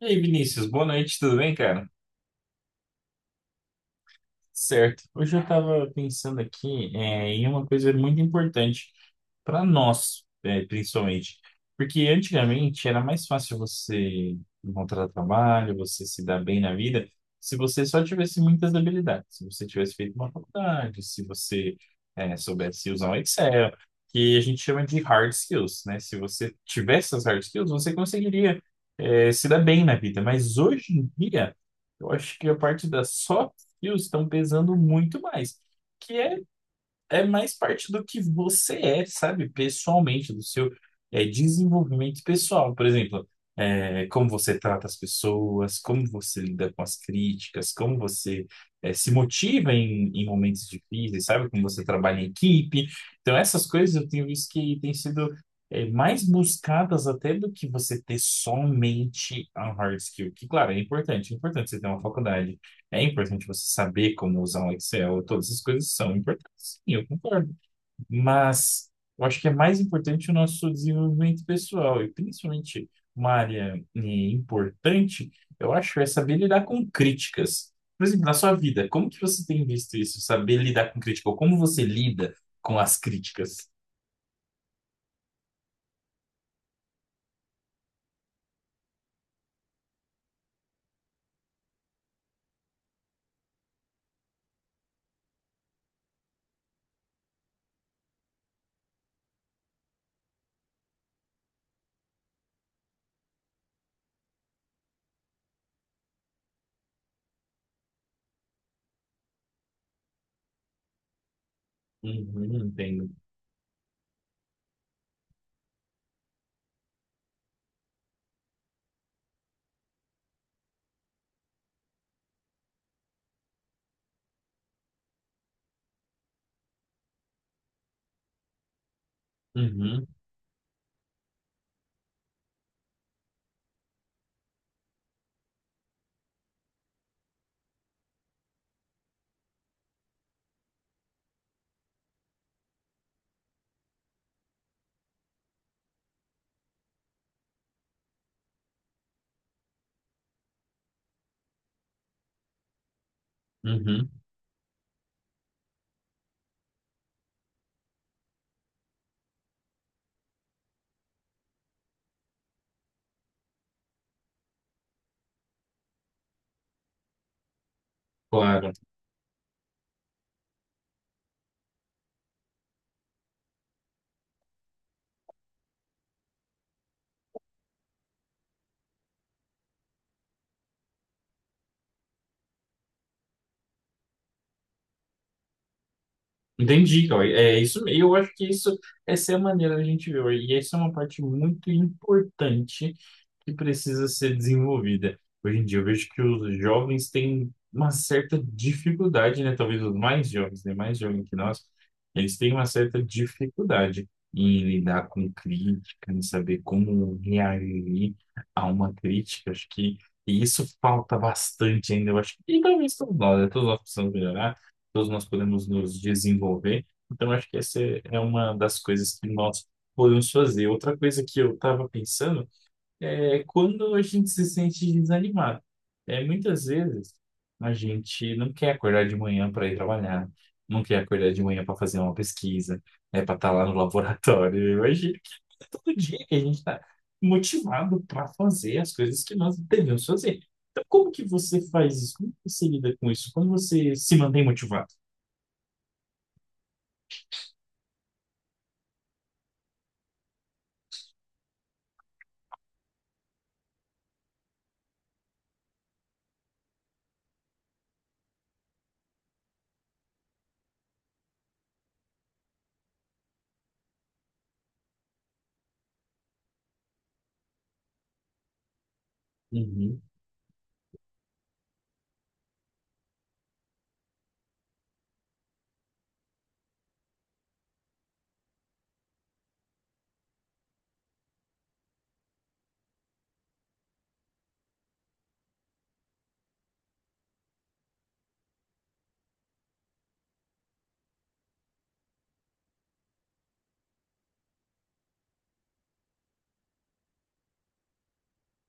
E aí, Vinícius, boa noite, tudo bem, cara? Certo. Hoje eu estava pensando aqui em uma coisa muito importante para nós, principalmente. Porque antigamente era mais fácil você encontrar trabalho, você se dar bem na vida, se você só tivesse muitas habilidades. Se você tivesse feito uma faculdade, se você soubesse usar um Excel, que a gente chama de hard skills, né? Se você tivesse essas hard skills, você conseguiria se dar bem na vida. Mas hoje em dia, eu acho que a parte das soft frios estão pesando muito mais. Que é, é mais parte do que você é, sabe? Pessoalmente, do seu desenvolvimento pessoal. Por exemplo, como você trata as pessoas, como você lida com as críticas, como você se motiva em momentos difíceis, sabe? Como você trabalha em equipe. Então, essas coisas eu tenho visto que têm sido mais buscadas até do que você ter somente a hard skill, que, claro, é importante. É importante você ter uma faculdade, é importante você saber como usar um Excel, todas essas coisas são importantes. Sim, eu concordo. Mas eu acho que é mais importante o nosso desenvolvimento pessoal, e principalmente uma área importante, eu acho, é saber lidar com críticas. Por exemplo, na sua vida, como que você tem visto isso? Saber lidar com crítica, ou como você lida com as críticas? Uhum, entendo. Uhum, uhum, claro. Entendi, Cauê. É isso, e eu acho que isso, essa é a maneira da gente ver, e essa é uma parte muito importante que precisa ser desenvolvida. Hoje em dia eu vejo que os jovens têm uma certa dificuldade, né? Talvez os mais jovens, né? Mais jovens que nós, eles têm uma certa dificuldade em lidar com crítica, em saber como reagir a uma crítica. Acho que isso falta bastante ainda, eu acho. E talvez todos nós, né? Todos nós precisamos melhorar, todos nós podemos nos desenvolver. Então, acho que essa é uma das coisas que nós podemos fazer. Outra coisa que eu estava pensando é quando a gente se sente desanimado. É, muitas vezes a gente não quer acordar de manhã para ir trabalhar, não quer acordar de manhã para fazer uma pesquisa, né, para estar lá no laboratório. Eu acho que é todo dia que a gente está motivado para fazer as coisas que nós devemos fazer. Então, como que você faz isso? Como que você lida com isso? Como você se mantém motivado? Uhum,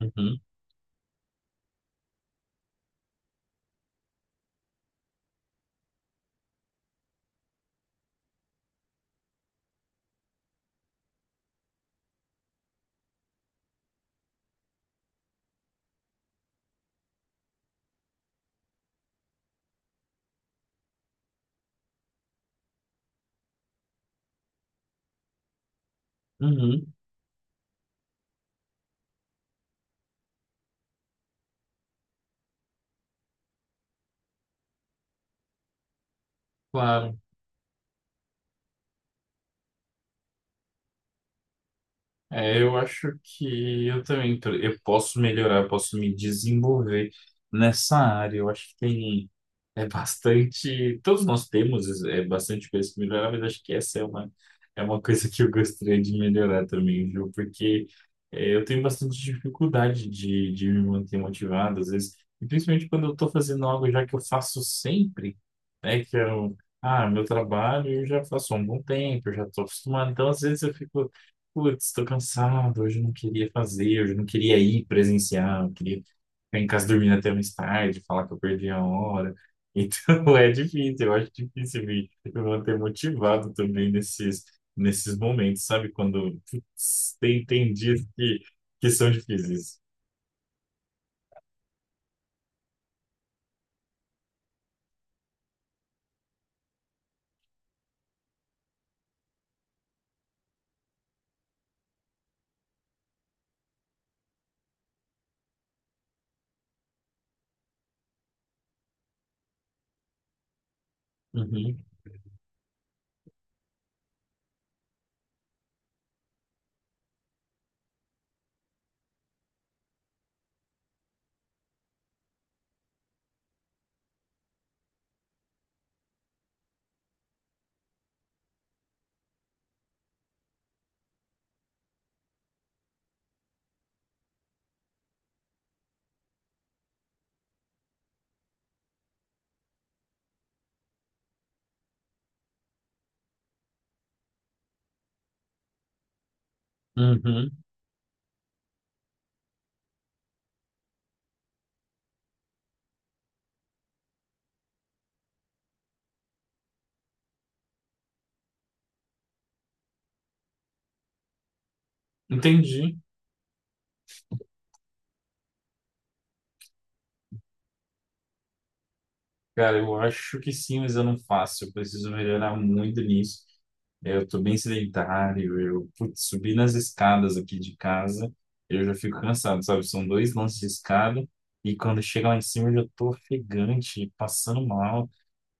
uhum, uhum, claro. É, eu acho que eu também eu posso melhorar, posso me desenvolver nessa área. Eu acho que tem bastante, todos nós temos bastante coisa que melhorar, mas acho que essa é uma uma coisa que eu gostaria de melhorar também, viu? Porque eu tenho bastante dificuldade de me manter motivado às vezes, e principalmente quando eu estou fazendo algo já que eu faço sempre, né? Que é o ah, meu trabalho eu já faço há um bom tempo, eu já estou acostumado. Então, às vezes eu fico: putz, tô cansado, hoje eu não queria fazer, hoje eu não queria ir presencial, eu queria ficar em casa dormindo até mais tarde, falar que eu perdi a hora. Então, é difícil, eu acho difícil me manter motivado também nesses, nesses momentos, sabe? Quando putz, tem dias que são difíceis. Uhum, uhum, entendi. Cara, eu acho que sim, mas eu não faço. Eu preciso melhorar muito nisso. Eu tô bem sedentário. Eu, putz, subir nas escadas aqui de casa, eu já fico cansado, sabe? São dois lances de escada e quando chega lá em cima eu já tô ofegante, passando mal.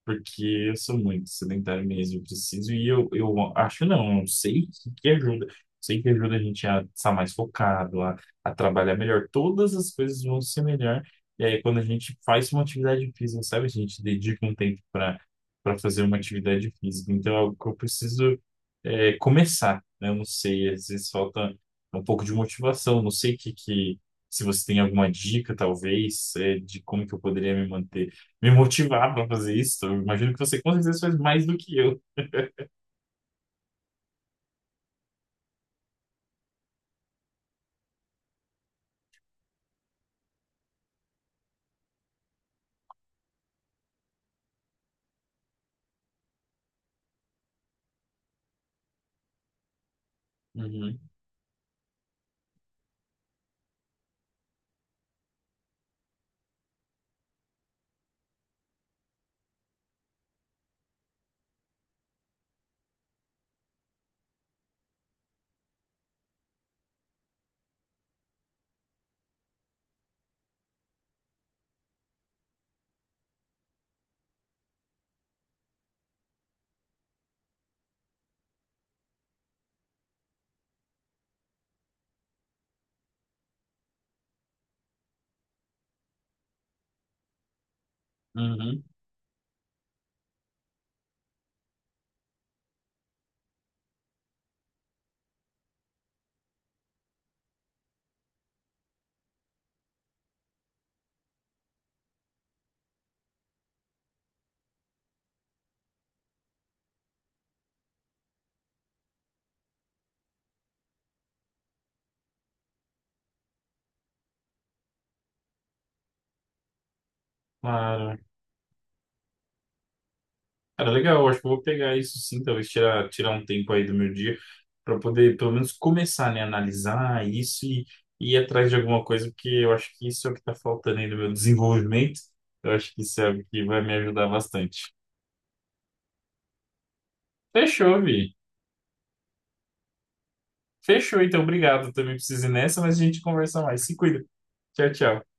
Porque eu sou muito sedentário mesmo, eu preciso, eu acho não, eu sei que ajuda. Sei que ajuda a gente a estar mais focado, a trabalhar melhor. Todas as coisas vão ser melhor. E aí, quando a gente faz uma atividade física, sabe? A gente dedica um tempo para, para fazer uma atividade física. Então, é algo que eu preciso começar, né? Eu não sei, às vezes falta um pouco de motivação. Não sei que, se você tem alguma dica, talvez, é, de como que eu poderia me motivar para fazer isso. Eu imagino que você com certeza faz mais do que eu. Uhum, uhum, claro. Cara, legal, eu acho que eu vou pegar isso sim, talvez tirar, tirar um tempo aí do meu dia para poder pelo menos começar, né, a analisar isso e ir atrás de alguma coisa, porque eu acho que isso é o que está faltando aí no meu desenvolvimento. Eu acho que isso é algo que vai me ajudar bastante. Fechou, Vi. Fechou, então, obrigado. Também preciso ir nessa, mas a gente conversa mais. Se cuida. Tchau, tchau.